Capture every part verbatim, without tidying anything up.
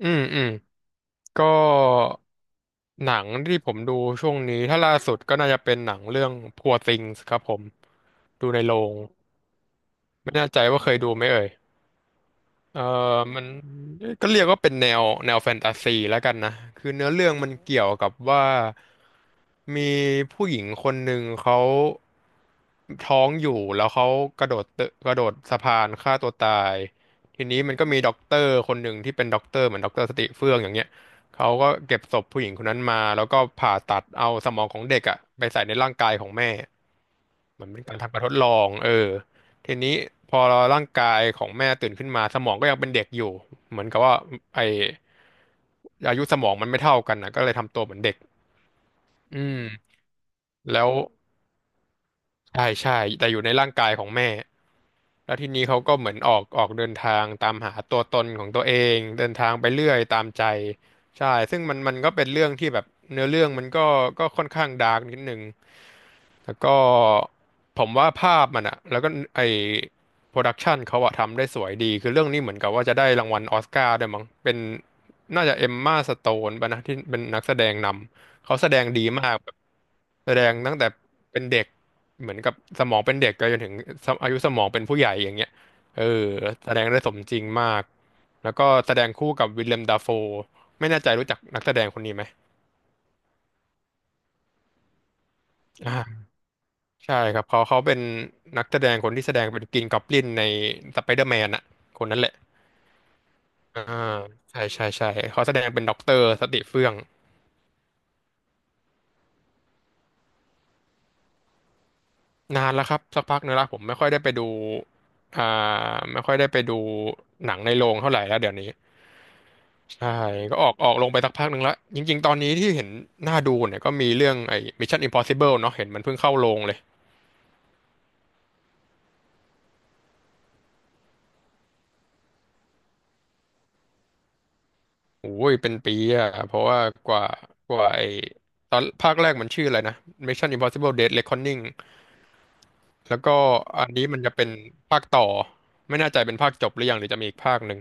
อืมอืมก็หนังที่ผมดูช่วงนี้ถ้าล่าสุดก็น่าจะเป็นหนังเรื่อง Poor Things ครับผมดูในโรงไม่แน่ใจว่าเคยดูไหมเอ่ย เออมันก็เรียกว่าเป็นแนวแนวแฟนตาซีแล้วกันนะคือเนื้อเรื่องมันเกี่ยวกับว่ามีผู้หญิงคนหนึ่งเขาท้องอยู่แล้วเขากระโดดตึกกระโดดสะพานฆ่าตัวตายทีนี้มันก็มีด็อกเตอร์คนหนึ่งที่เป็นด็อกเตอร์เหมือนด็อกเตอร์สติเฟื่องอย่างเงี้ยเขาก็เก็บศพผู้หญิงคนนั้นมาแล้วก็ผ่าตัดเอาสมองของเด็กอะไปใส่ในร่างกายของแม่ มันเป็นการทำการทดลองเออทีนี้พอร่างกายของแม่ตื่นขึ้นมาสมองก็ยังเป็นเด็กอยู่เหมือนกับว่าไออายุสมองมันไม่เท่ากันนะก็เลยทำตัวเหมือนเด็กอืมแล้วใช่ใช่แต่อยู่ในร่างกายของแม่แล้วทีนี้เขาก็เหมือนออกออกเดินทางตามหาตัวตนของตัวเองเดินทางไปเรื่อยตามใจใช่ซึ่งมันมันก็เป็นเรื่องที่แบบเนื้อเรื่องมันก็ก็ค่อนข้างดาร์กนิดนึง แล้วก็ผมว่าภาพมันอะแล้วก็ไอโปรดักชันเขาอะทำได้สวยดีคือเรื่องนี้เหมือนกับว่าจะได้รางวัลออสการ์ด้วยมั้งเป็นน่าจะเอมมาสโตนป่ะนะที่เป็นนักแสดงนำเขาแสดงดีมากแบบแสดงตั้งแต่เป็นเด็กเหมือนกับสมองเป็นเด็กไปจนถึงสมอายุสมองเป็นผู้ใหญ่อย่างเงี้ยเออแสดงได้สมจริงมากแล้วก็แสดงคู่กับวิลเลมดัฟโฟไม่แน่ใจรู้จักนักแสดงคนนี้ไหมอ่า ใช่ครับเขาเขาเป็นนักแสดงคนที่แสดงเป็นกินกอบลินในสไปเดอร์แมนอะคนนั้นแหละอ่าใช่ใช่ใช่เขาแสดงเป็นด็อกเตอร์สติเฟื่องนานแล้วครับสักพักนึงและผมไม่ค่อยได้ไปดูอ่าไม่ค่อยได้ไปดูหนังในโรงเท่าไหร่แล้วเดี๋ยวนี้ใช่ก็ออกออกลงไปสักพักหนึ่งและจริงๆตอนนี้ที่เห็นน่าดูเนี่ยก็มีเรื่องไอ้ Mission Impossible เนาะเห็นมันเพิ่งเข้าโรงเลยโอ้ยเป็นปีอะเพราะว่ากว่ากว่าไอ้ตอนภาคแรกมันชื่ออะไรนะ Mission Impossible Dead Reckoning แล้วก็อันนี้มันจะเป็นภาคต่อไม่แน่ใจเป็นภาคจบหรือยังหรือจะมีอีกภาคหนึ่ง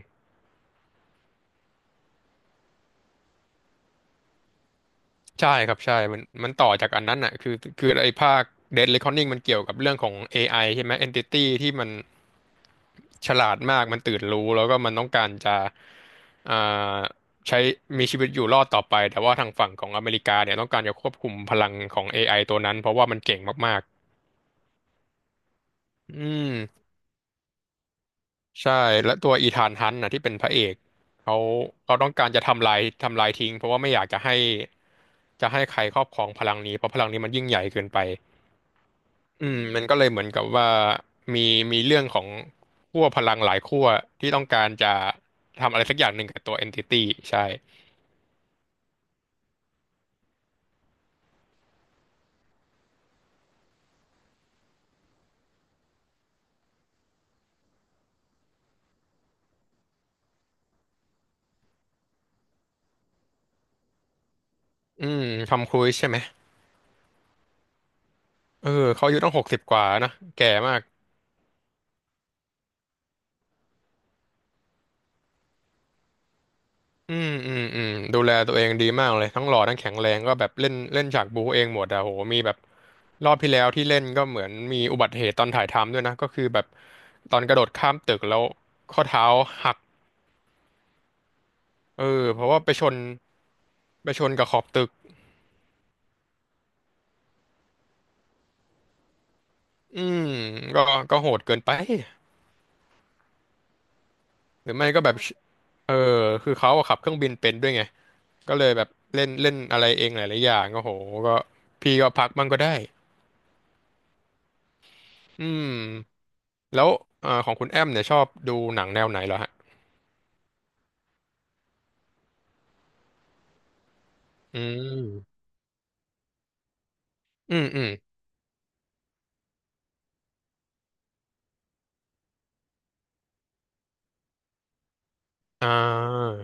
ใช่ครับใช่มันมันต่อจากอันนั้นอ่ะคือคือไอ้ภาค Dead Reckoning มันเกี่ยวกับเรื่องของ เอ ไอ ใช่ไหม Entity ที่มันฉลาดมากมันตื่นรู้แล้วก็มันต้องการจะอ่าใช้มีชีวิตอยู่รอดต่อไปแต่ว่าทางฝั่งของอเมริกาเนี่ยต้องการจะควบคุมพลังของ เอ ไอ ตัวนั้นเพราะว่ามันเก่งมากๆอืม ใช่และตัวอีธานฮันต์นะที่เป็นพระเอกเขาเขาต้องการจะทำลายทำลายทิ้งเพราะว่าไม่อยากจะให้จะให้ใครครอบครองพลังนี้เพราะพลังนี้มันยิ่งใหญ่เกินไปอืมมันก็เลยเหมือนกับว่ามีมีเรื่องของขั้วพลังหลายขั้วที่ต้องการจะทำอะไรสักอย่างหนึ่งกับตัวเอนติตี้ใช่อืมทำครูซใช่ไหมเออเขาอายุตั้งหกสิบกว่านะแก่มาก อืมอืมอืมดูแลตัวเองดีมากเลยทั้งหล่อทั้งแข็งแรงก็แบบเล่นเล่นฉากบูเองหมดอะโหมีแบบรอบที่แล้วที่เล่นก็เหมือนมีอุบัติเหตุตอนถ่ายทำด้วยนะก็คือแบบตอนกระโดดข้ามตึกแล้วข้อเท้าหักเออเพราะว่าไปชนไปชนกับขอบตึกอืมก็ก็โหดเกินไปหรือไม่ก็แบบเออคือเขาอะขับเครื่องบินเป็นด้วยไงก็เลยแบบเล่นเล่นอะไรเองหลายๆอย่างก็โหก็พี่ก็พักบ้างก็ได้อืม แล้วเอ่อของคุณแอมเนี่ยชอบดูหนังแนวไหนเหรอฮะอืมอืมอืมอ่า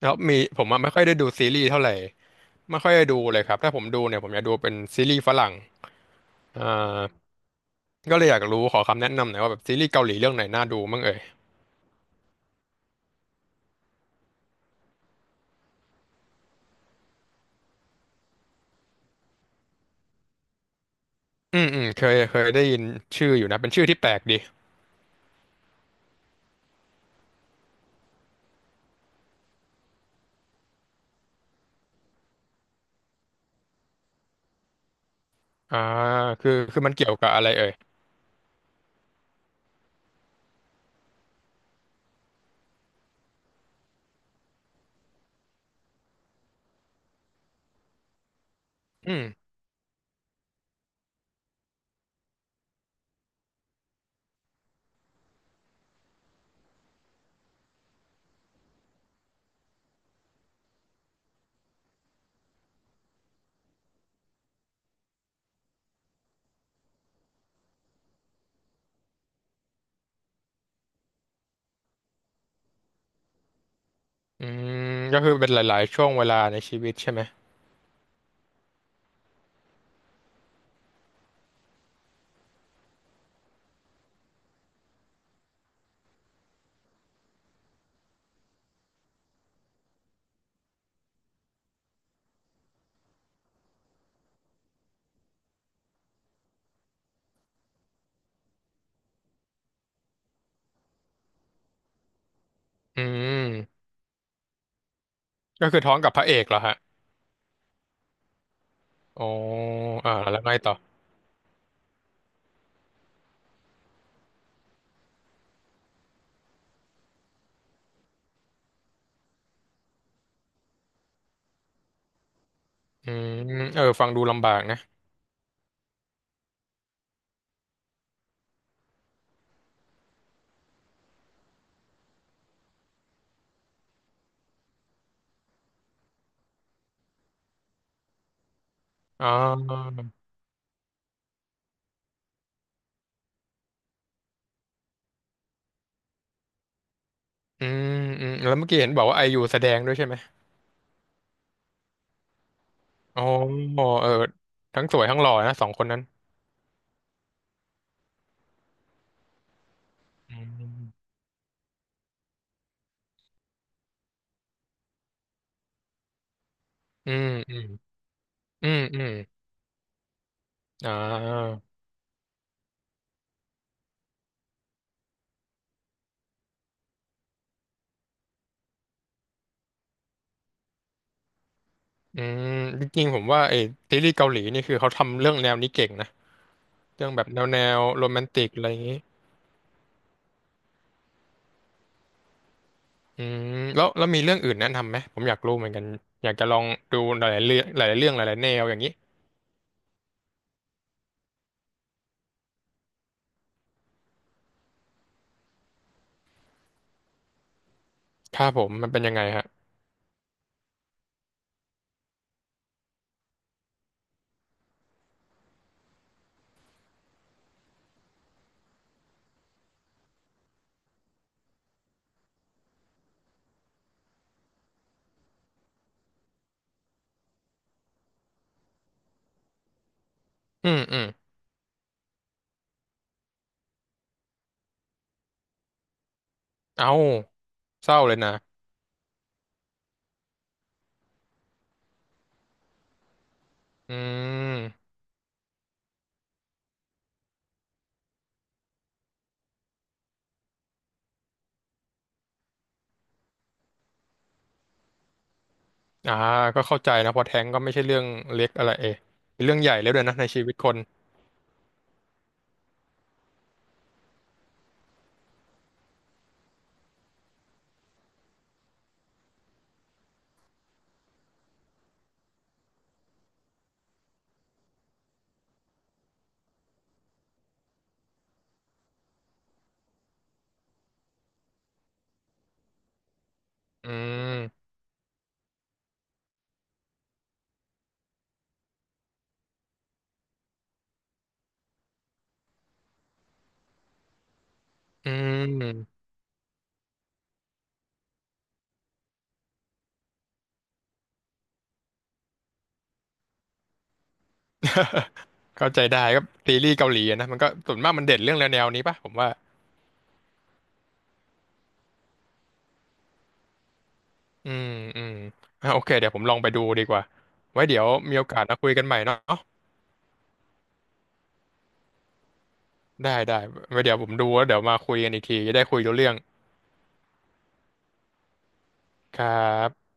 แล้วมีผมอะไม่ค่อยได้ดูซีรีส์เท่าไหร่ไม่ค่อยได้ดูเลยครับ ถ้าผมดูเนี่ยผมอยากดูเป็นซีรีส์ฝรั่งอ่าก็เลยอยากรู้ขอคำแนะนำหน่อยว่าแบบซีรีส์เกาหลีเรื่องไหนน่าดูบ้างเอ่ยอืมอืมเคยเคยได้ยินชื่ออยู่นะเป็นชื่อที่แปลกดีอ่าคือคือมันเกี่ยวกับอะไรเอ่ยอืมอืมก็คือเป็นหลายๆช่วงเวลาในชีวิตใช่ไหมอืมก็คือท้องกับพระเอกเหรอฮะอ๋ออ่าแล้วไงต่อ อืมเออฟังดูลำบากนะอ๋ออืมอืมแล้วเมื่อกี้เห็นบอกว่าไอยูแสดงด้วยใช่ไหมอ๋อเออทั้งสวยทั้งหล่อนะสองคนนั้น อืมอืมอืมอืมอืมอ่าอืมจริงๆผมว่าไอซีรีส์เกาหลีนี่คือเขาทำเรื่องแนวนี้เก่งนะเรื่องแบบแนวแนวโรแมนติกอะไรอย่างนี้อืมแล้วแล้วมีเรื่องอื่นแนะนำไหมผมอยากรู้เหมือนกันอยากจะลองดูหลายๆเรื่องหลายๆเรื่องหลายๆแนวอย่างนี้ครับผมมันเป็นยังไงฮะอืมอืมเอาเศร้าเลยนะ อืมอ่าก็เข้าใจนะเพอแท้งก็ไม่ใช่เรื่องเล็กอะไรเอเป็นเรื่องใหญ่แล้วด้วยนะในชีวิตคนอืมอืม เข้าใจได้ก็ซีรีส์เกาหลีอะนะมันก็ส่วนมากมันเด่นเรื่องแนวๆนี้ป่ะผมว่าอืมอืมอ่ะโอเคเดี๋ยวผมลองไปดูดีกว่าไว้เดี๋ยวมีโอกาสมาคุยกันใหม่เนาะได้ได้ไว้เดี๋ยวผมดูแล้วเดี๋ยวมาคุยกันอีกทีจะได้คุยรู้เรื่องครับ